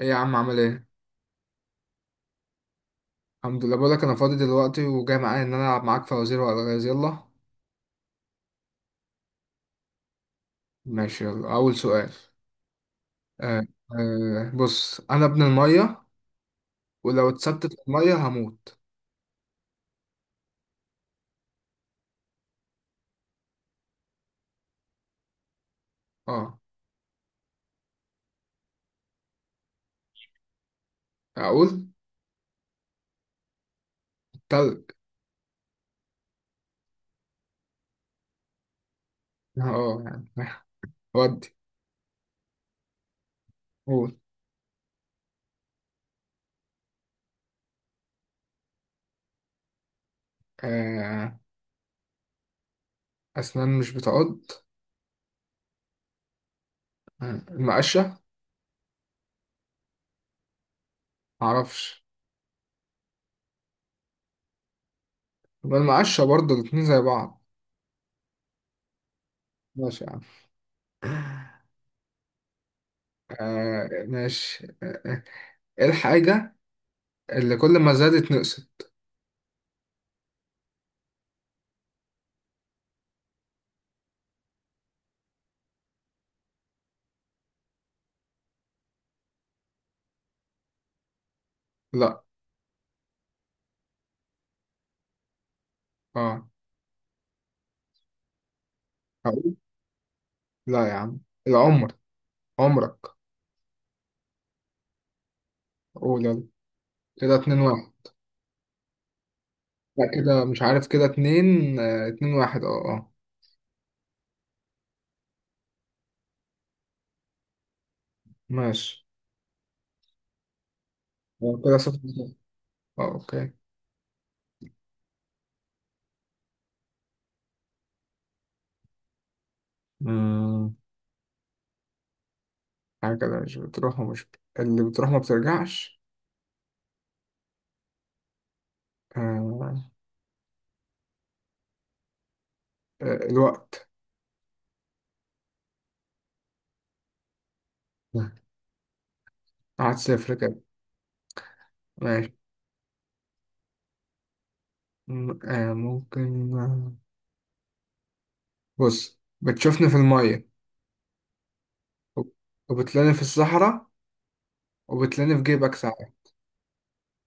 ايه يا عم، عامل ايه؟ الحمد لله، بقولك انا فاضي دلوقتي وجاي معايا ان انا العب معاك فوازير والغاز، يلا. ماشي، يلا اول سؤال. آه. آه، بص انا ابن الميه، ولو اتثبت في الميه هموت. اه، اقول: تلج. اه يعني. ودي. قول. آه. اسنان مش بتعض. آه. المقشه. معرفش. يبقى المقشه برضه، الاتنين زي بعض. ماشي يا عم. آه، ماشي. آه. آه. ايه الحاجه اللي كل ما زادت نقصت؟ لا. اه. لا يا عم. العمر. عمرك. قول يلا. كده 2-1. لا، كده مش عارف، كده اتنين، 2-1، اه اه. ماشي. آه، كده 0-0. اه، اوكي. مم. حاجة كده مش بتروح، ومش اللي بتروح ما بترجعش. آه. الوقت. لا، قعد صفر كده. ماشي. ممكن. بص بتشوفني في المية، وب- وبتلاقيني في الصحراء، وبتلاقيني في جيبك ساعة،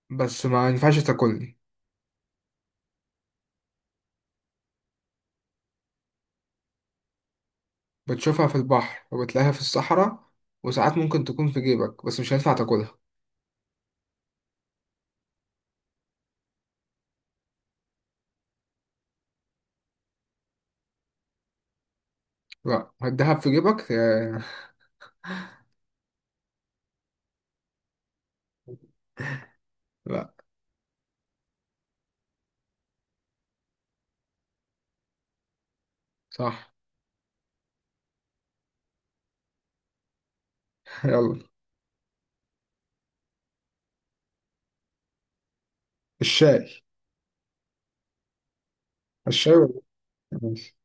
بس ما ينفعش تاكلني. بتشوفها في البحر وبتلاقيها في الصحراء، وساعات ممكن تكون في جيبك بس مش هينفع تاكلها. لا، الدهب في جيبك. لا. صح. يلا. الشاي. الشاي والله. ماشي.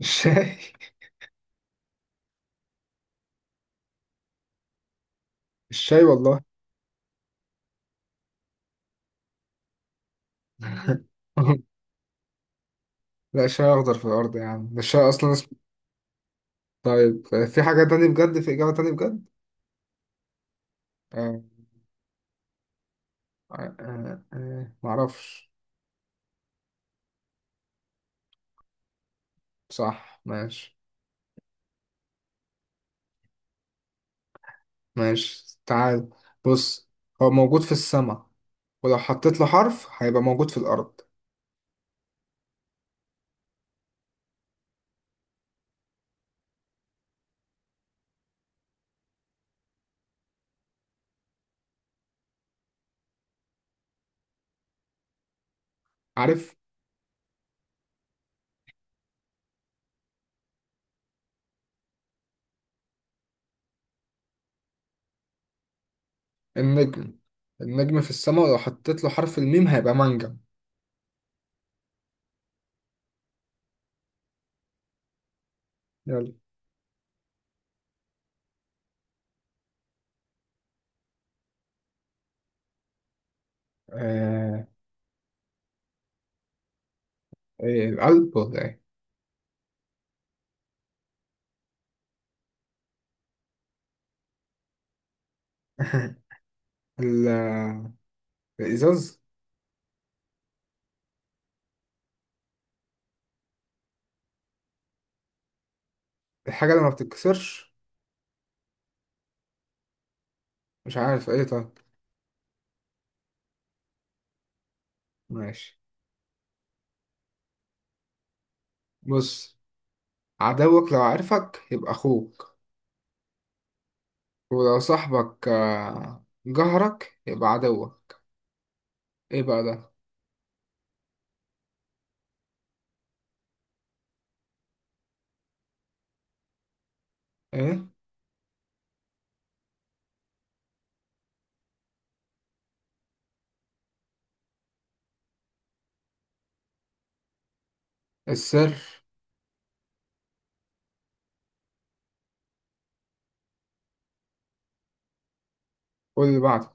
الشاي. الشاي والله. لا، الشاي اخضر في الارض يا عم، ده الشاي اصلا اسمه. طيب. في حاجة تانية بجد، في اجابة تانية بجد. آه. معرفش. صح، ماشي. ماشي، تعال، بص، هو موجود في السماء، ولو حطيت له حرف هيبقى موجود في الارض. عارف. النجم. النجم في السماء، لو حطيت له حرف الميم هيبقى منجم. يلا. آه... إيه، القلب ولا ايه؟ ال- الازاز. الحاجة اللي ما بتتكسرش. مش عارف ايه، طيب. ماشي، بص. عدوك لو عارفك يبقى اخوك، ولو صاحبك جهرك يبقى عدوك. ايه بقى ده؟ ايه. السر. قول اللي بعده.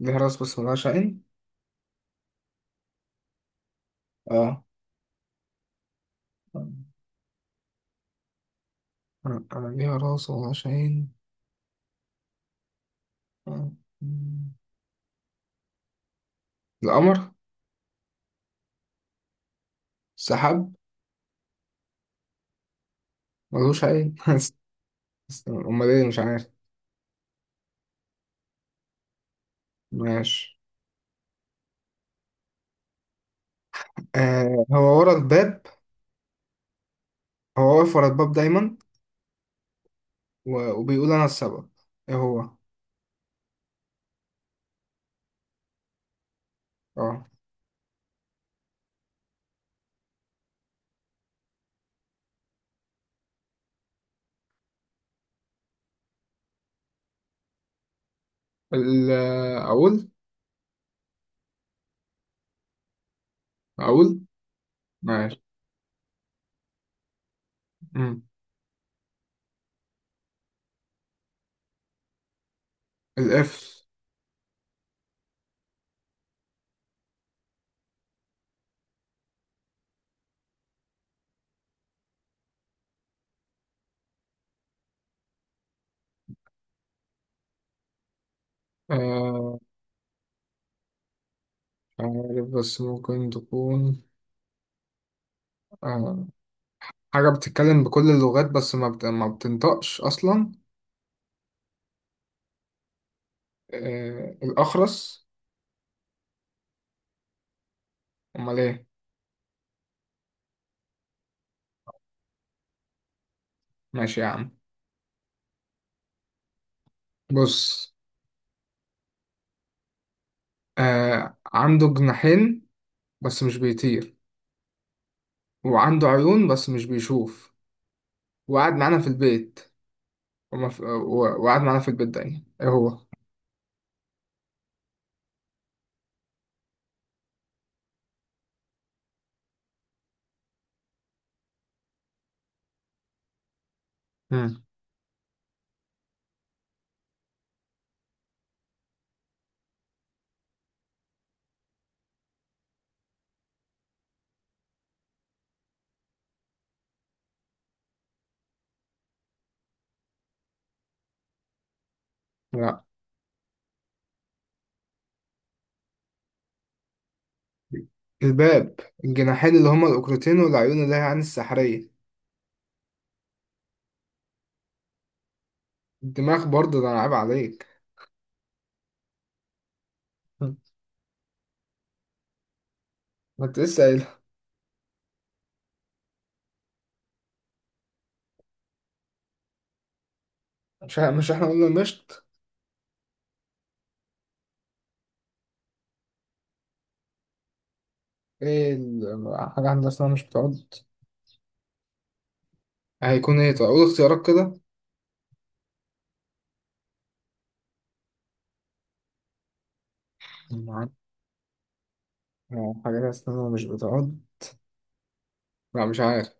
ليها راس بس ملهاش عين. اه. آه، ليها راس وملهاش عين. آه. القمر. السحاب. ملوش أي. أمال إيه؟ مش عارف. ماشي. هو ورا الباب، هو واقف ورا الباب دايما، وبيقول أنا السبب، إيه هو؟ أه. ال- أقول أقول. ماشي. مم. القفل. آه مش عارف، بس ممكن تكون. آه حاجة بتتكلم بكل اللغات، بس ما بتنطقش أصلا. الأخرس. أمال إيه؟ ماشي يا عم، بص. عنده جناحين بس مش بيطير، وعنده عيون بس مش بيشوف، وقعد معانا في البيت، وقعد معانا في البيت، ده يعني ايه هو؟ مم. لا، الباب، الجناحين اللي هما الأوكرتين والعيون اللي هي عين السحرية. الدماغ برضه، ده أنا عيب عليك. مم. ما انت لسه قايلها. مش احنا قلنا المشط. ايه حاجة عندها اسنان مش بتعض؟ هيكون ايه طيب؟ أقول اختيارات كده. مم، عارف. حاجة لها اسنان مش بتعض. لا مش عارف.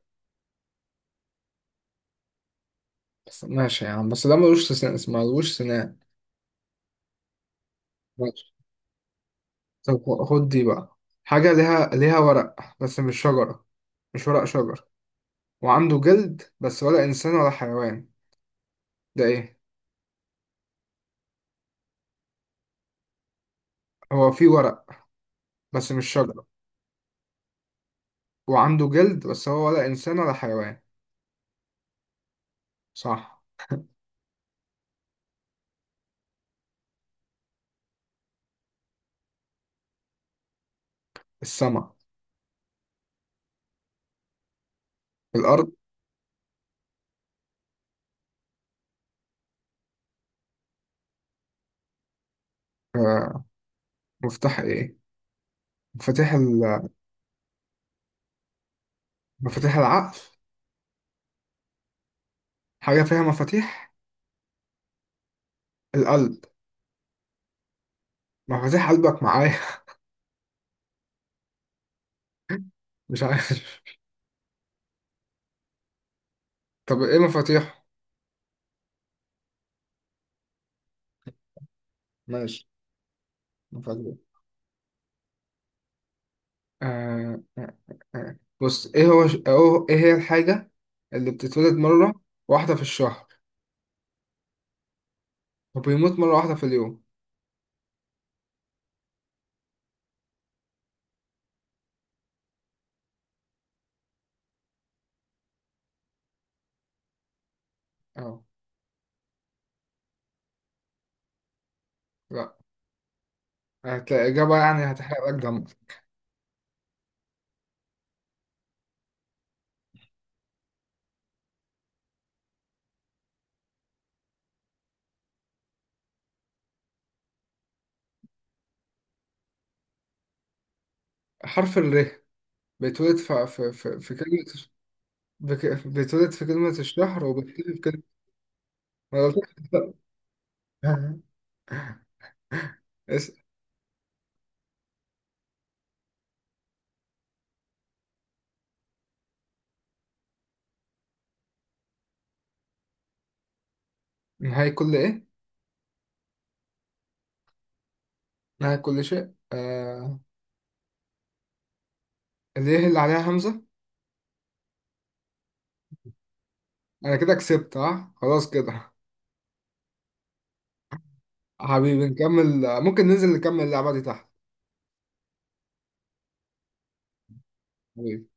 بس ماشي يا عم، بس ده ملوش سنان، اسمه ملوش سنان. طب خد دي بقى. حاجة ليها ورق بس مش شجرة، مش ورق شجر، وعنده جلد بس ولا إنسان ولا حيوان، ده إيه؟ هو فيه ورق بس مش شجرة، وعنده جلد بس هو ولا إنسان ولا حيوان. صح. السما. الأرض. آه، مفتاح إيه؟ مفاتيح ال... مفاتيح العقل. حاجة فيها مفاتيح. القلب. مفاتيح قلبك معايا. مش عارف. طب إيه مفاتيح؟ ماشي. مفاتيح. بص، ايه هو ايه هي الحاجة اللي بتتولد مرة واحدة في الشهر، وبيموت مرة واحدة في اليوم؟ اه. لا. هتلاقي إجابة يعني هتحرق لك دمك. حرف الر. بيتولد في في في, في كلمة الش- بيتولد في كلمة الشهر، وبيختفي في كلمة... ما قلتلكش. اسأل. نهاية كل ايه؟ نهاية كل شيء، اللي هي اللي عليها همزة. انا كده كسبت، ها، خلاص كده. حبيبي، نكمل، ممكن ننزل نكمل اللعبة دي تحت. حبيبي.